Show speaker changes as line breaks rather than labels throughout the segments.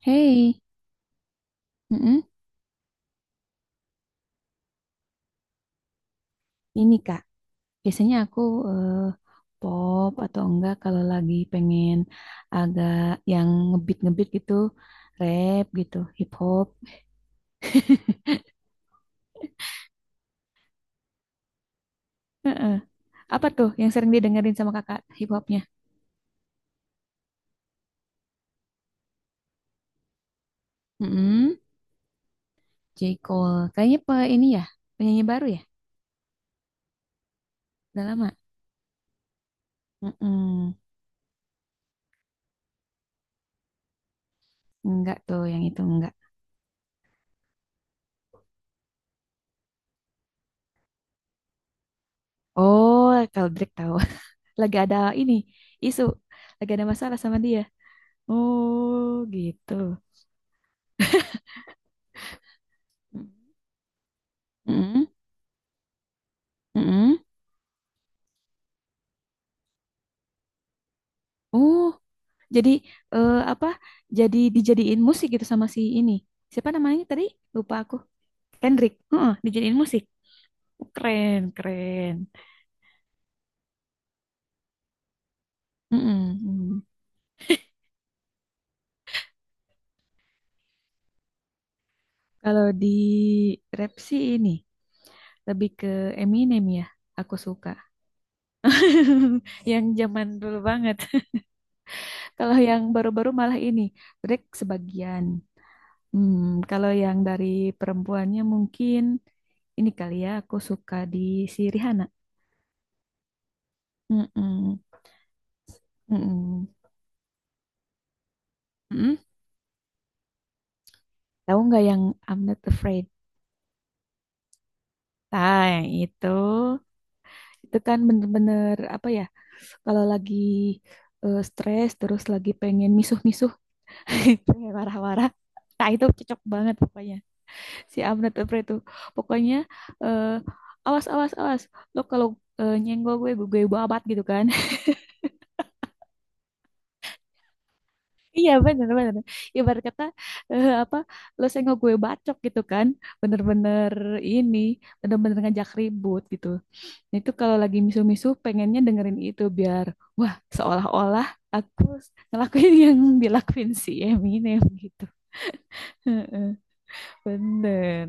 Hey, mm-mm. Ini Kak, biasanya aku eh, pop atau enggak kalau lagi pengen agak yang ngebeat-ngebeat gitu, rap gitu, hip hop. Heeh. Apa tuh yang sering didengerin sama Kakak hip hopnya? Mm-mm. J. Cole, kayaknya pe ini ya, penyanyi baru ya, udah lama. Mm-mm. Enggak tuh yang itu enggak. Oh, kalau Drake tahu, lagi ada ini isu, lagi ada masalah sama dia. Oh, gitu. Mm-mm. Mm-mm. Oh, jadi apa? Jadi dijadiin musik gitu sama si ini. Siapa namanya tadi? Lupa aku. Kendrick. Heeh, dijadiin musik. Keren, keren. Mm-mm, mm. Kalau di rap sih ini lebih ke Eminem ya. Aku suka yang zaman dulu banget. Kalau yang baru-baru malah ini Drake sebagian. Hmm, kalau yang dari perempuannya mungkin ini kali ya. Aku suka di si Rihanna. Mm-mm. Mm-mm. Mm-mm. Tahu nggak yang I'm Not Afraid? Nah, yang itu kan bener-bener apa ya? Kalau lagi stres terus lagi pengen misuh-misuh, pengen marah-marah. Nah, itu cocok banget pokoknya. Si I'm Not Afraid tuh. Pokoknya eh, awas awas awas. Lo kalau nyenggol gue, gue babat gitu kan. Iya bener-bener. Ibarat kata apa? Lo senggol gue bacok gitu kan. Bener-bener ini, bener-bener ngajak ribut gitu. Nah, itu kalau lagi misu-misu pengennya dengerin itu biar wah seolah-olah aku ngelakuin yang dilakuin si Eminem gitu. Heeh, bener.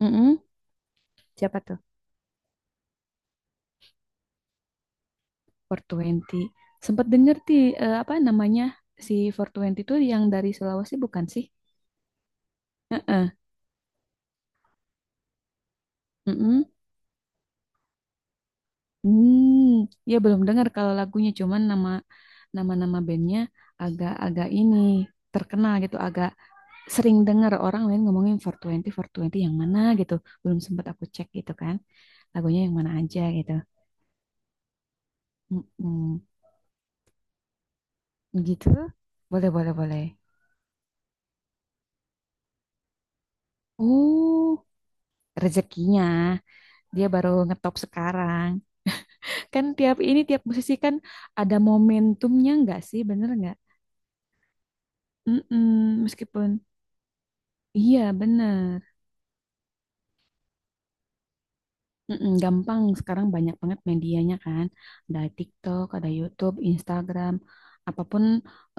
Mm-mm. Siapa tuh? 420. Sempet denger ti apa namanya si four Twenty tuh yang dari Sulawesi bukan sih? Heeh. Mm-mm. Hmm, ya belum dengar kalau lagunya cuman nama nama-nama bandnya agak-agak ini terkenal gitu, agak sering dengar orang lain ngomongin 420, Twenty yang mana gitu. Belum sempat aku cek gitu kan. Lagunya yang mana aja gitu. Mm-mm. Gitu. Boleh, boleh, boleh. Uh, rezekinya. Dia baru ngetop sekarang. Kan tiap ini, tiap musisi kan ada momentumnya nggak sih? Bener nggak? Mm-mm. Meskipun, iya bener. Mm-mm, gampang sekarang banyak banget medianya kan ada TikTok ada YouTube Instagram apapun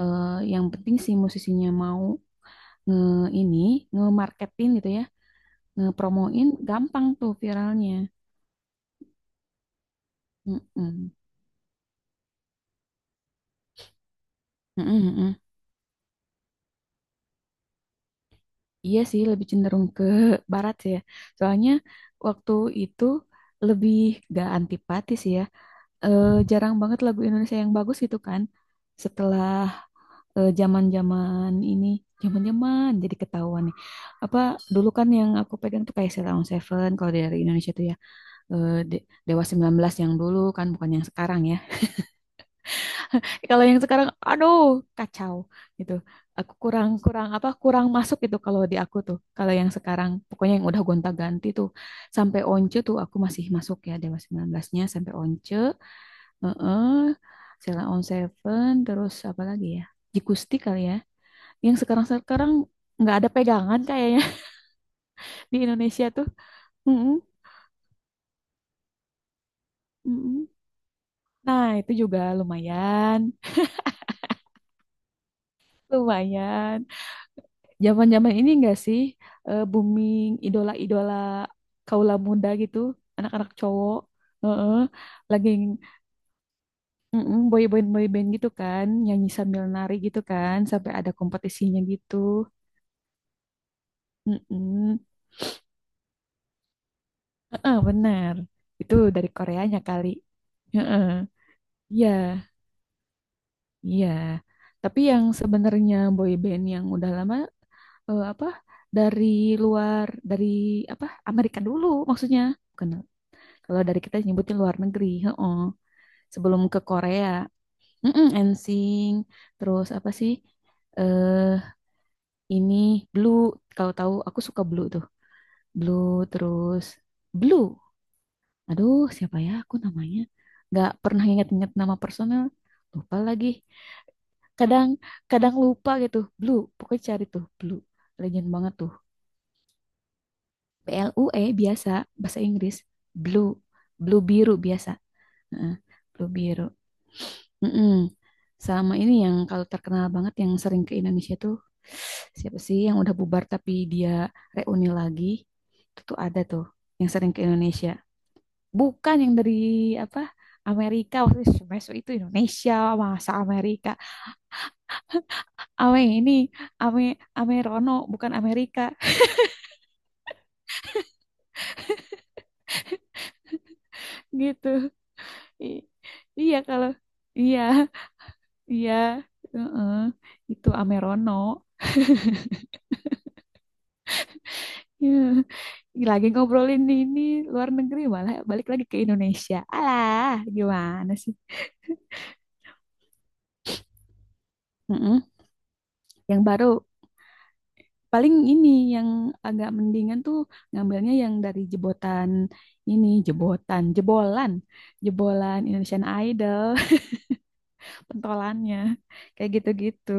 eh, yang penting si musisinya mau nge ini nge-marketin gitu ya nge promoin gampang tuh viralnya. Mm-mm. Mm-mm, mm-mm. Iya sih lebih cenderung ke barat sih ya soalnya waktu itu lebih gak antipatis ya. Eh, jarang banget lagu Indonesia yang bagus gitu kan setelah zaman-zaman ini, zaman-zaman jadi ketahuan nih. Apa dulu kan yang aku pegang tuh kayak Sheila Seven kalau dari Indonesia tuh ya Dewa 19 yang dulu kan bukan yang sekarang ya. Kalau yang sekarang aduh kacau gitu. Aku kurang kurang apa kurang masuk gitu kalau di aku tuh. Kalau yang sekarang pokoknya yang udah gonta-ganti tuh sampai Once tuh aku masih masuk ya Dewa 19-nya sampai Once, heeh. Sheila on Seven terus apa lagi ya? Jikusti kali ya yang sekarang-sekarang nggak ada pegangan kayaknya di Indonesia tuh. Mm-mm, mm-mm. Nah, itu juga lumayan, lumayan. Zaman-zaman ini enggak sih booming idola-idola kaula muda gitu, anak-anak cowok. Heeh, lagi mm-mm, boy band gitu kan, nyanyi sambil nari gitu kan, sampai ada kompetisinya gitu. Mm-mm. Heeh, benar. Itu dari Koreanya kali. Heeh. Iya. Iya, tapi yang sebenarnya boy band yang udah lama apa dari luar dari apa Amerika dulu maksudnya. Bukan, kalau dari kita nyebutin luar negeri, heeh. Sebelum ke Korea. Mm-mm, NSYNC, terus apa sih? Eh ini Blue, kalau tahu aku suka Blue tuh. Blue terus Blue. Aduh, siapa ya aku namanya? Nggak pernah ingat-ingat nama personel. Lupa lagi. Kadang kadang lupa gitu, blue pokoknya cari tuh blue legend banget tuh. PLUE biasa bahasa Inggris blue, blue biru biasa. Heeh, blue biru. Mm-mm. Sama ini yang kalau terkenal banget yang sering ke Indonesia tuh siapa sih yang udah bubar tapi dia reuni lagi, itu tuh ada tuh yang sering ke Indonesia bukan yang dari apa Amerika waktu itu. Smash itu Indonesia, masa Amerika. Ame ini, Ame Amerono bukan Amerika gitu. I- iya kalau, iya iya heeh, itu Amerono. Iya. Lagi ngobrolin ini luar negeri malah balik lagi ke Indonesia alah gimana sih. Heeh. Yang baru paling ini yang agak mendingan tuh ngambilnya yang dari jebotan ini jebotan jebolan, jebolan Indonesian Idol pentolannya kayak gitu-gitu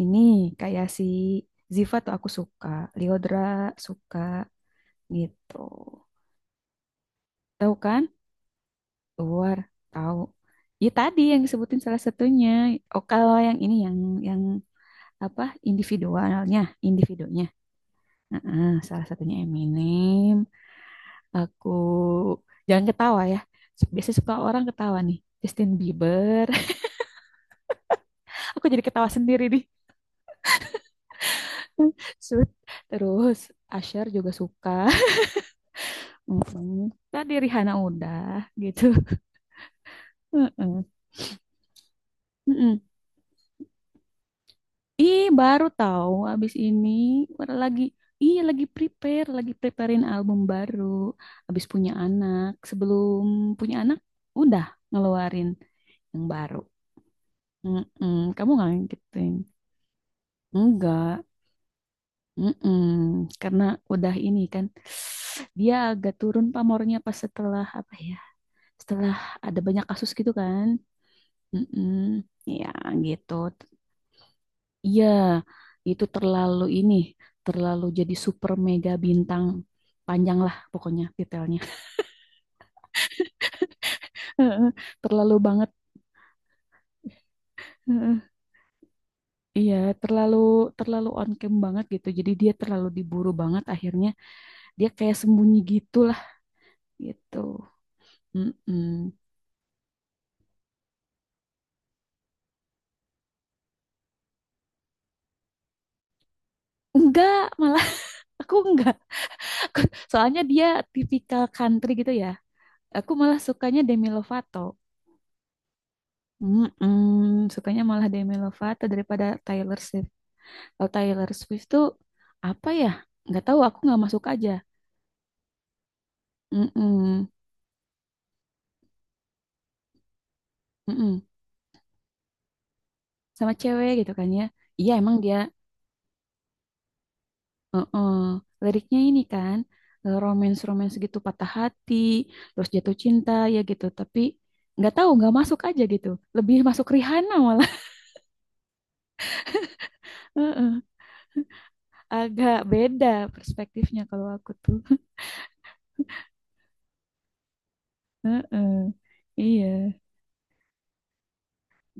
ini kayak si Ziva tuh aku suka, Liodra suka gitu. Tahu kan? Luar tahu. Ya tadi yang disebutin salah satunya. Oh kalau yang ini yang apa individualnya, individunya. Heeh, salah satunya Eminem. Aku jangan ketawa ya. Biasanya suka orang ketawa nih. Justin Bieber. Aku jadi ketawa sendiri nih. Sud. Terus Asher juga suka. Mm-mm. Tadi Rihanna udah gitu. Mm-mm. Mm-mm. Ih, baru tahu abis ini baru lagi, iya lagi prepare, lagi preparein album baru abis punya anak. Sebelum punya anak udah ngeluarin yang baru. Mm-mm. Kamu nggak ngikutin? Enggak. Mm-mm. Karena udah ini kan dia agak turun pamornya pas setelah apa ya? Setelah ada banyak kasus gitu kan. Mm-mm. Ya gitu. Iya, itu terlalu ini, terlalu jadi super mega bintang, panjang lah pokoknya titelnya. Terlalu banget. Heeh. Iya, terlalu terlalu on cam banget gitu. Jadi dia terlalu diburu banget akhirnya dia kayak sembunyi gitulah gitu. Mm-mm. Enggak, malah aku enggak. Aku- Soalnya dia tipikal country gitu ya. Aku malah sukanya Demi Lovato. Mm-mm, sukanya malah Demi Lovato daripada Taylor Swift. Kalau Taylor Swift tuh apa ya? Nggak tahu, aku nggak masuk aja. Mm-mm, mm-mm. Sama cewek gitu kan ya. Iya emang dia uh-uh. Liriknya ini kan romance-romance gitu patah hati, terus jatuh cinta ya gitu. Tapi nggak tahu, nggak masuk aja gitu. Lebih masuk Rihanna malah. Heeh. Agak beda perspektifnya kalau aku tuh. Heeh. Iya.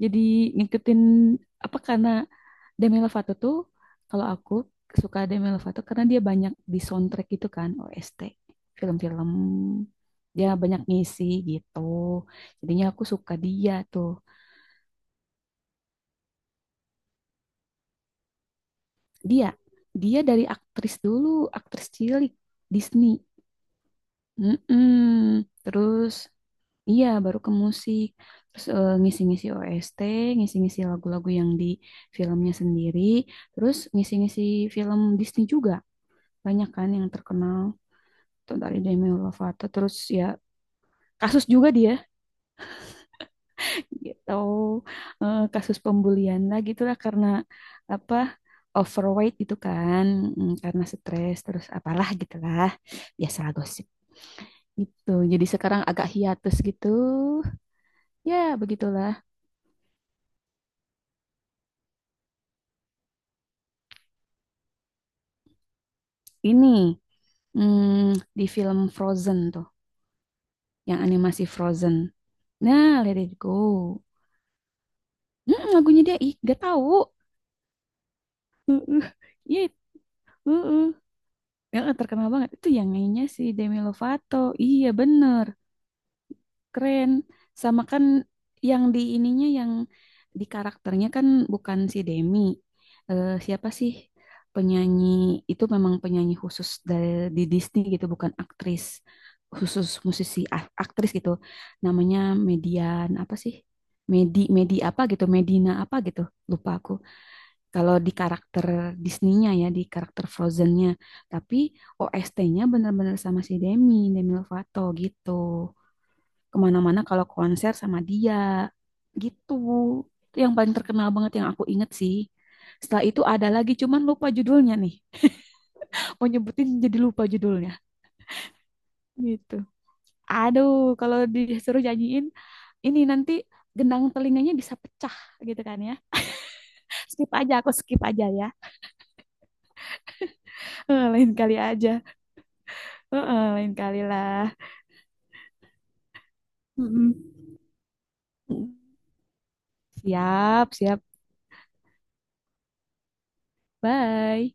Jadi ngikutin apa karena Demi Lovato tuh kalau aku suka Demi Lovato karena dia banyak di soundtrack gitu kan OST film-film dia banyak ngisi gitu jadinya aku suka dia tuh. Dia dia dari aktris dulu, aktris cilik Disney. Mm-mm. Terus iya baru ke musik terus ngisi-ngisi OST, ngisi-ngisi lagu-lagu yang di filmnya sendiri, terus ngisi-ngisi film Disney juga banyak kan yang terkenal tuh dari Demi Lovato terus ya kasus juga dia gitu. Kasus pembulian lah gitulah karena apa overweight itu kan mm, karena stres terus apalah gitulah biasalah gosip gitu jadi sekarang agak hiatus gitu ya begitulah. Ini mm, di film Frozen tuh yang animasi Frozen, nah Let It Go. Mm, lagunya dia ih gak tahu. Heeh, iya, heeh. Heeh, terkenal banget. Itu yang nyanyinya si Demi Lovato. Iya bener, keren. Sama kan yang di ininya yang di karakternya kan bukan si Demi. Eh, siapa sih penyanyi itu, memang penyanyi khusus dari di Disney gitu, bukan aktris khusus musisi a- aktris gitu. Namanya Median apa sih? Medi Medi apa gitu, Medina apa gitu. Lupa aku. Kalau di karakter Disney-nya ya, di karakter Frozen-nya. Tapi OST-nya benar-benar sama si Demi, Demi Lovato gitu. Kemana-mana kalau konser sama dia gitu. Itu yang paling terkenal banget yang aku inget sih. Setelah itu ada lagi, cuman lupa judulnya nih. Mau nyebutin jadi lupa judulnya gitu. Aduh, kalau disuruh nyanyiin, ini nanti gendang telinganya bisa pecah gitu kan ya. Skip aja, aku skip aja ya. Eh, lain kali aja. Lain kali lah. Mm-mm. Siap, siap. Bye.